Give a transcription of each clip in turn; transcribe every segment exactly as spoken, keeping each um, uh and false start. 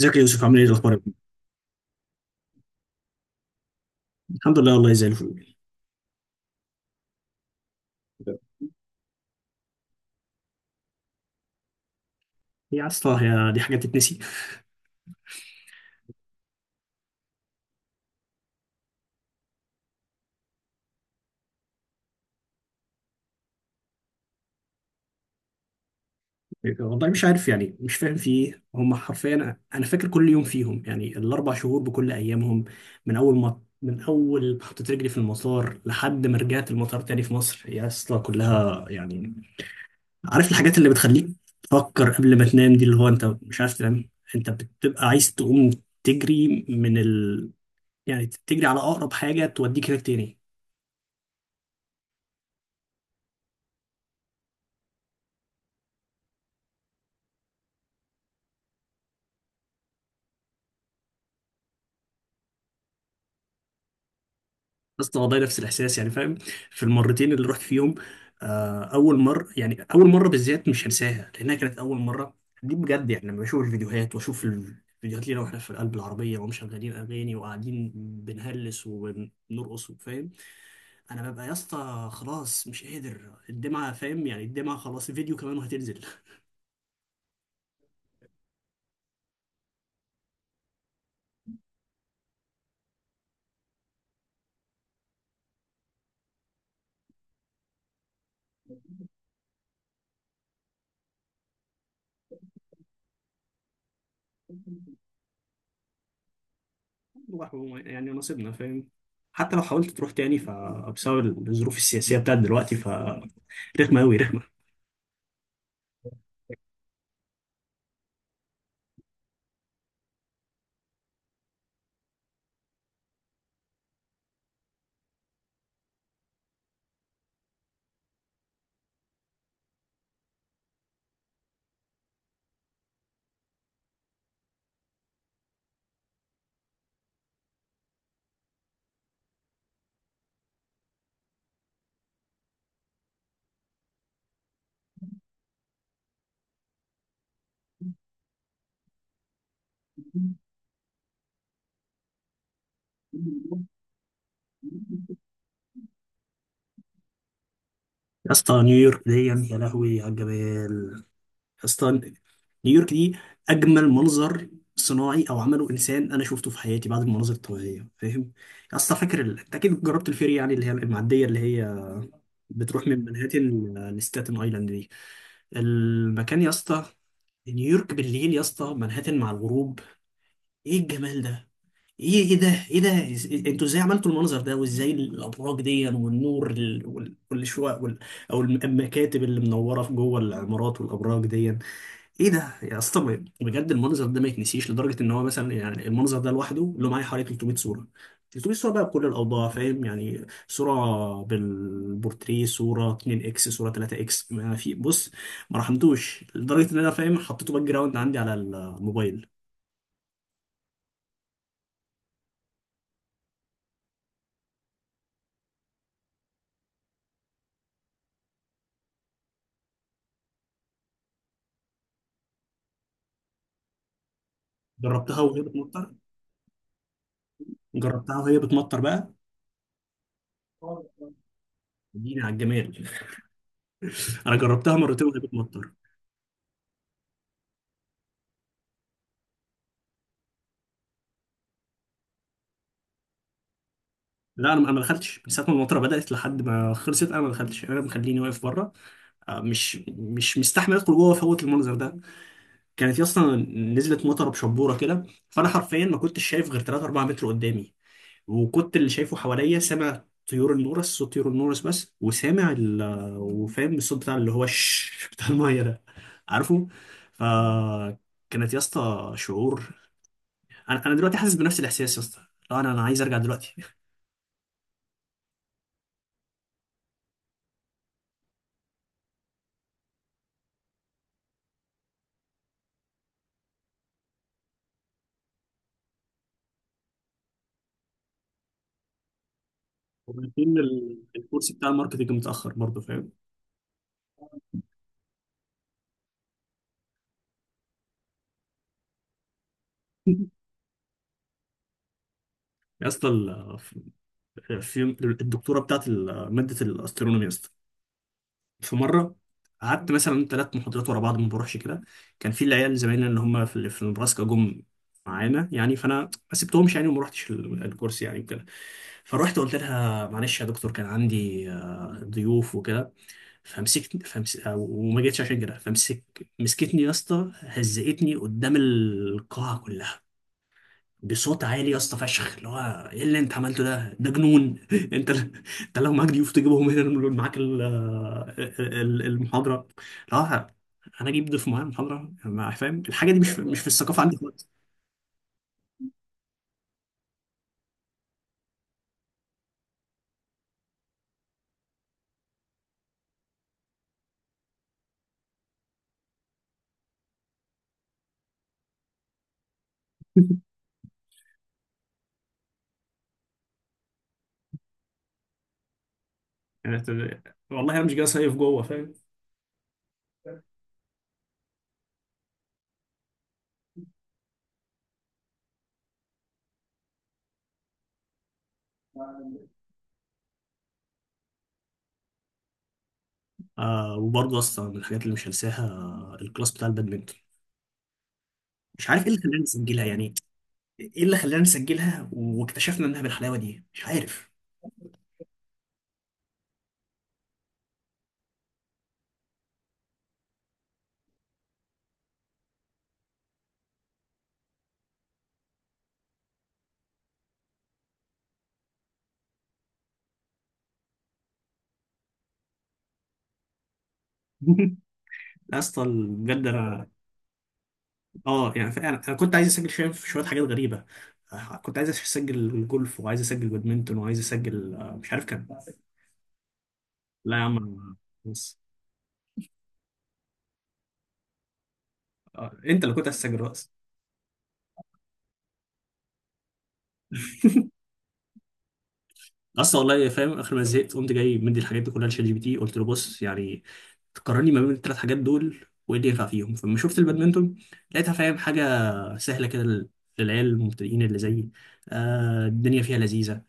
ازيك يا يوسف؟ عامل ايه الاخبار يا ابني؟ الحمد لله والله زي الفل. يا اسطى هي دي حاجه تتنسي؟ والله مش عارف، يعني مش فاهم في ايه هم حرفيا. انا أنا فاكر كل يوم فيهم، يعني الاربع شهور بكل ايامهم. من اول ما من اول ما حطيت رجلي في المطار لحد ما رجعت المطار تاني في مصر يا اسطى، كلها يعني. عارف الحاجات اللي بتخليك تفكر قبل ما تنام، دي اللي هو انت مش عارف تنام، انت بتبقى عايز تقوم تجري من ال يعني تجري على اقرب حاجه توديك هناك تاني. بس والله نفس الاحساس، يعني فاهم، في المرتين اللي رحت فيهم. آه، اول مره يعني اول مره بالذات مش هنساها لانها كانت اول مره. دي بجد، يعني لما بشوف الفيديوهات، واشوف الفيديوهات لينا واحنا في قلب العربيه ومشغلين اغاني وقاعدين بنهلس وبنرقص وفاهم، انا ببقى يا اسطى خلاص مش قادر، الدمعه فاهم يعني الدمعه خلاص الفيديو كمان وهتنزل. يعني نصيبنا فاهم. حتى لو حاولت تروح تاني، فبسبب الظروف السياسيه بتاعت دلوقتي فرخمه قوي. رخمه. يا اسطى نيويورك دي، يا لهوي على الجمال. يا اسطى نيويورك دي اجمل منظر صناعي او عمله انسان انا شفته في حياتي بعد المناظر الطبيعيه، فاهم. يا اسطى فاكر ال- انت اكيد جربت الفيري، يعني اللي هي المعديه اللي هي بتروح من منهاتن لستاتن ايلاند دي؟ المكان يا اسطى، نيويورك بالليل يا اسطى، منهاتن مع الغروب، ايه الجمال ده؟ ايه ايه ده؟ ايه ده؟ إز- انتوا ازاي عملتوا المنظر ده؟ وازاي الابراج دي والنور ال- وال- والشقق وال- او الم- المكاتب اللي منوره في جوه العمارات والابراج دي؟ ايه ده يا اسطى؟ بجد المنظر ده ما يتنسيش، لدرجه ان هو مثلا يعني المنظر ده لوحده له معايا حوالي ثلاثمية صوره. ثلاثمية صوره بقى بكل الاوضاع، فاهم يعني، صوره بالبورتريه، صوره اتنين اكس، صوره تلاتة اكس. ما في بص، ما رحمتوش، لدرجه ان انا فاهم حطيته باك جراوند عندي على الموبايل. جربتها وهي بتمطر؟ جربتها وهي بتمطر بقى؟ اديني على الجمال. انا جربتها مرتين وهي بتمطر. لا، انا أنا ما دخلتش من ساعه ما المطره بدات لحد ما خلصت، انا ما دخلتش، انا مخليني واقف بره. آه، مش مش مستحمل ادخل جوه فوت المنظر ده. كانت يا اسطى، نزلت مطره بشبوره كده، فانا حرفيا ما كنتش شايف غير ثلاث اربعة متر قدامي، وكنت اللي شايفه حواليا سامع طيور النورس، صوت طيور النورس بس، وسامع ال... وفاهم الصوت بتاع اللي هو الش بتاع الميه ده، عارفه؟ فكانت يا اسطى شعور، انا انا دلوقتي حاسس بنفس الاحساس يا اسطى. لا انا انا عايز ارجع دلوقتي. وبعدين ال- الكورس بتاع الماركتنج متاخر برضه، فاهم. يا اسطى ال- في الدكتوره بتاعت ال- ماده الاسترونومي يا اسطى، في مره قعدت مثلا ثلاث محاضرات ورا بعض ما بروحش كده. كان في العيال زمايلنا اللي هم في في نبراسكا جم معانا يعني، فانا ما سبتهمش يعني وما رحتش ال- الكورس يعني وكده. فروحت قلت لها معلش يا دكتور، كان عندي آه، ضيوف وكده، فمسكت فمس... وما جيتش عشان كده. فمسك مسكتني يا اسطى، هزقتني قدام القاعه كلها بصوت عالي يا اسطى، فشخ اللي هو، ايه اللي انت عملته ده؟ ده جنون. انت، انت لو معاك ضيوف تجيبهم هنا نقول معاك ال... آه، آه، ال- المحاضره؟ لا، انا اجيب ضيف معايا المحاضره ما- فاهم الحاجه دي مش مش في الثقافه عندي خالص. يعني أنت- والله انا مش جاي صيف جوه فاهم. آه، وبرضه اصلا من الحاجات اللي مش هنساها، آه، الكلاس بتاع البادمنتون. مش عارف ايه اللي خلاني اسجلها يعني، ايه اللي خلانا نسجلها واكتشفنا انها بالحلاوه دي، مش عارف. يا اسطى بجد انا، اه يعني فعلا انا كنت عايز اسجل شويه في شويه حاجات غريبه. آه، كنت عايز اسجل جولف، وعايز اسجل بادمنتون، وعايز اسجل آه، مش عارف كان. لا يا عم، بس. آه، انت اللي كنت عايز تسجل. اصلا والله فاهم اخر ما زهقت قمت جاي مدي الحاجات دي كلها لشات جي بي تي، قلت له بص يعني، تقارني ما بين الثلاث حاجات دول وايه اللي ينفع فيهم. فلما شفت البادمنتون لقيتها فاهم حاجه سهله كده لل- للعيال المبتدئين اللي زيي، آه الدنيا فيها لذيذه.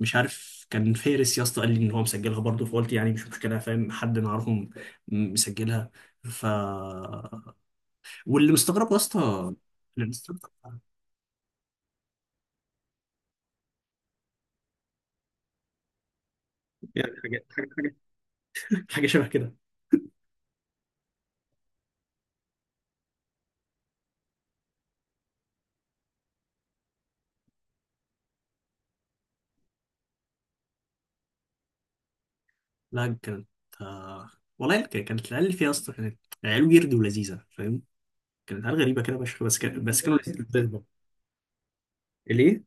مش عارف كان فارس يا اسطى قال لي ان هو مسجلها برضه، فقلت يعني مش مشكله فاهم، حد نعرفهم م- مسجلها. ف واللي مستغرب يا اسطى، اللي مستغرب، يعني حاجة حاجة حاجة حاجه شبه كده. لا كانت، آه، والله كانت كانت العيال اللي فيها اصلا كانت عيال ويرد ولذيذه، فاهم، كانت عيال غريبه كده فشخ، بس كان بس كانوا لذيذ برضه. ليه؟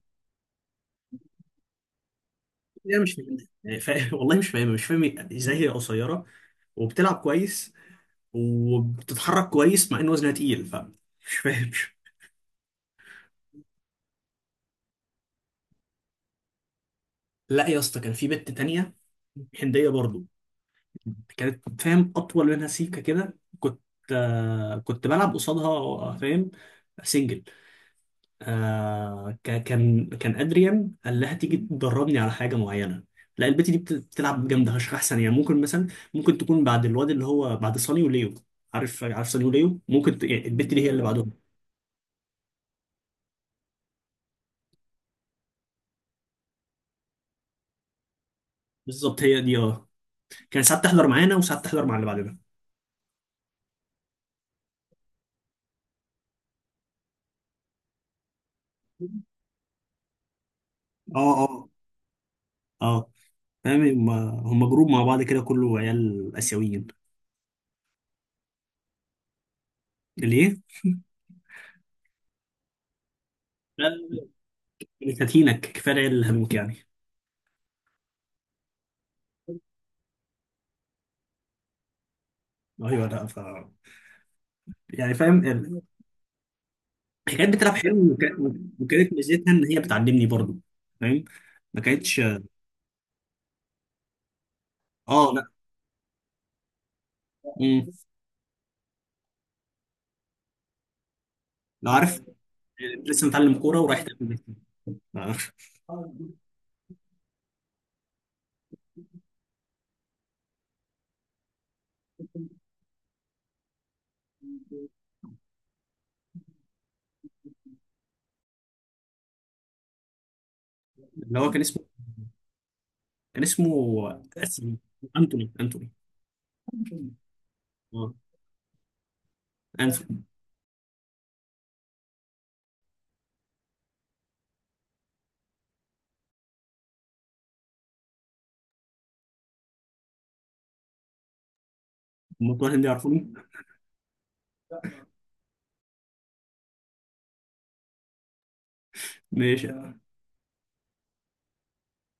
لا مش فاهم. يعني فا- والله مش فاهم، مش فاهم ازاي هي قصيره وبتلعب كويس وبتتحرك كويس مع ان وزنها تقيل، فمش فاهم. لا يا اسطى، كان في بنت تانية هنديه برضه، كانت فاهم اطول منها، سيكه كده، كنت آه، كنت بلعب قصادها، آه، فاهم، سنجل. آه ك- كان كان ادريان قال لها تيجي تدربني على حاجه معينه، لا البت دي بت- بتلعب جامده فشخ، احسن يعني ممكن مثلا، ممكن تكون بعد الواد اللي هو بعد صاني وليو. عارف عارف صاني وليو، ممكن ت... يعني البت دي هي اللي بالظبط بعدهم. بالظبط هي دي، اه كانت ساعات تحضر معانا وساعات تحضر مع اللي بعدنا. اه، اه، اه، فاهم. هم هم جروب مع بعض كده، كله عيال اسيويين. ليه؟ لا، لا، لا. كانت هتينك كفايه العيال اللي هموت يعني. ايوه لا ف يعني فاهم. هي كانت بتلعب حلو وك- وكانت ميزتها ان هي بتعلمني برضو، فاهم، ما كانتش. اه لا. مم. لو عارف، لسه متعلم كوره ورايح تقابل ميسي. لا، لا. اللي هو كان اسمه، كان اسمه، أسم- انتوني انتوني. اه، انتوني. هم بتوع الهند يعرفوني. ماشي يا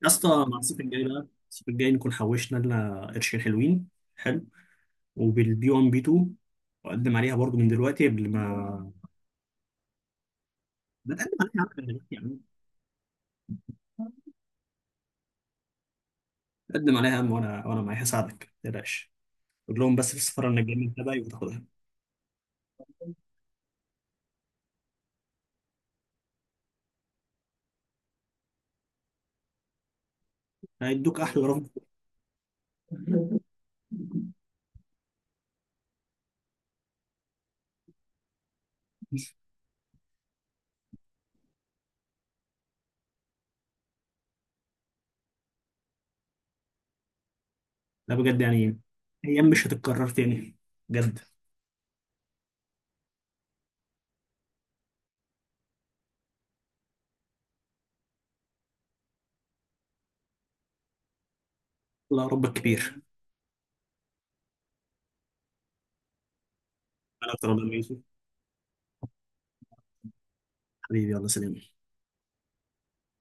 اسطى، مع الصيف الجاي بقى، الصيف الجاي نكون حوشنا لنا قرشين حلوين حلو، وبالبي واحد بي اتنين اقدم عليها برضو من دلوقتي قبل ما. ما تقدم عليها يا عم من دلوقتي يا عم، قدم عليها يا عم، وانا وانا معاك، هساعدك ما تقلقش. قول لهم بس في السفاره انك جاي من تبعي وتاخدها. هيدوك احلى رفض. لا بجد يعني، ايام مش هتتكرر تاني، بجد. الله ربك كبير. انا اكتر يا أبو يوسف. حبيبي يلا سلام.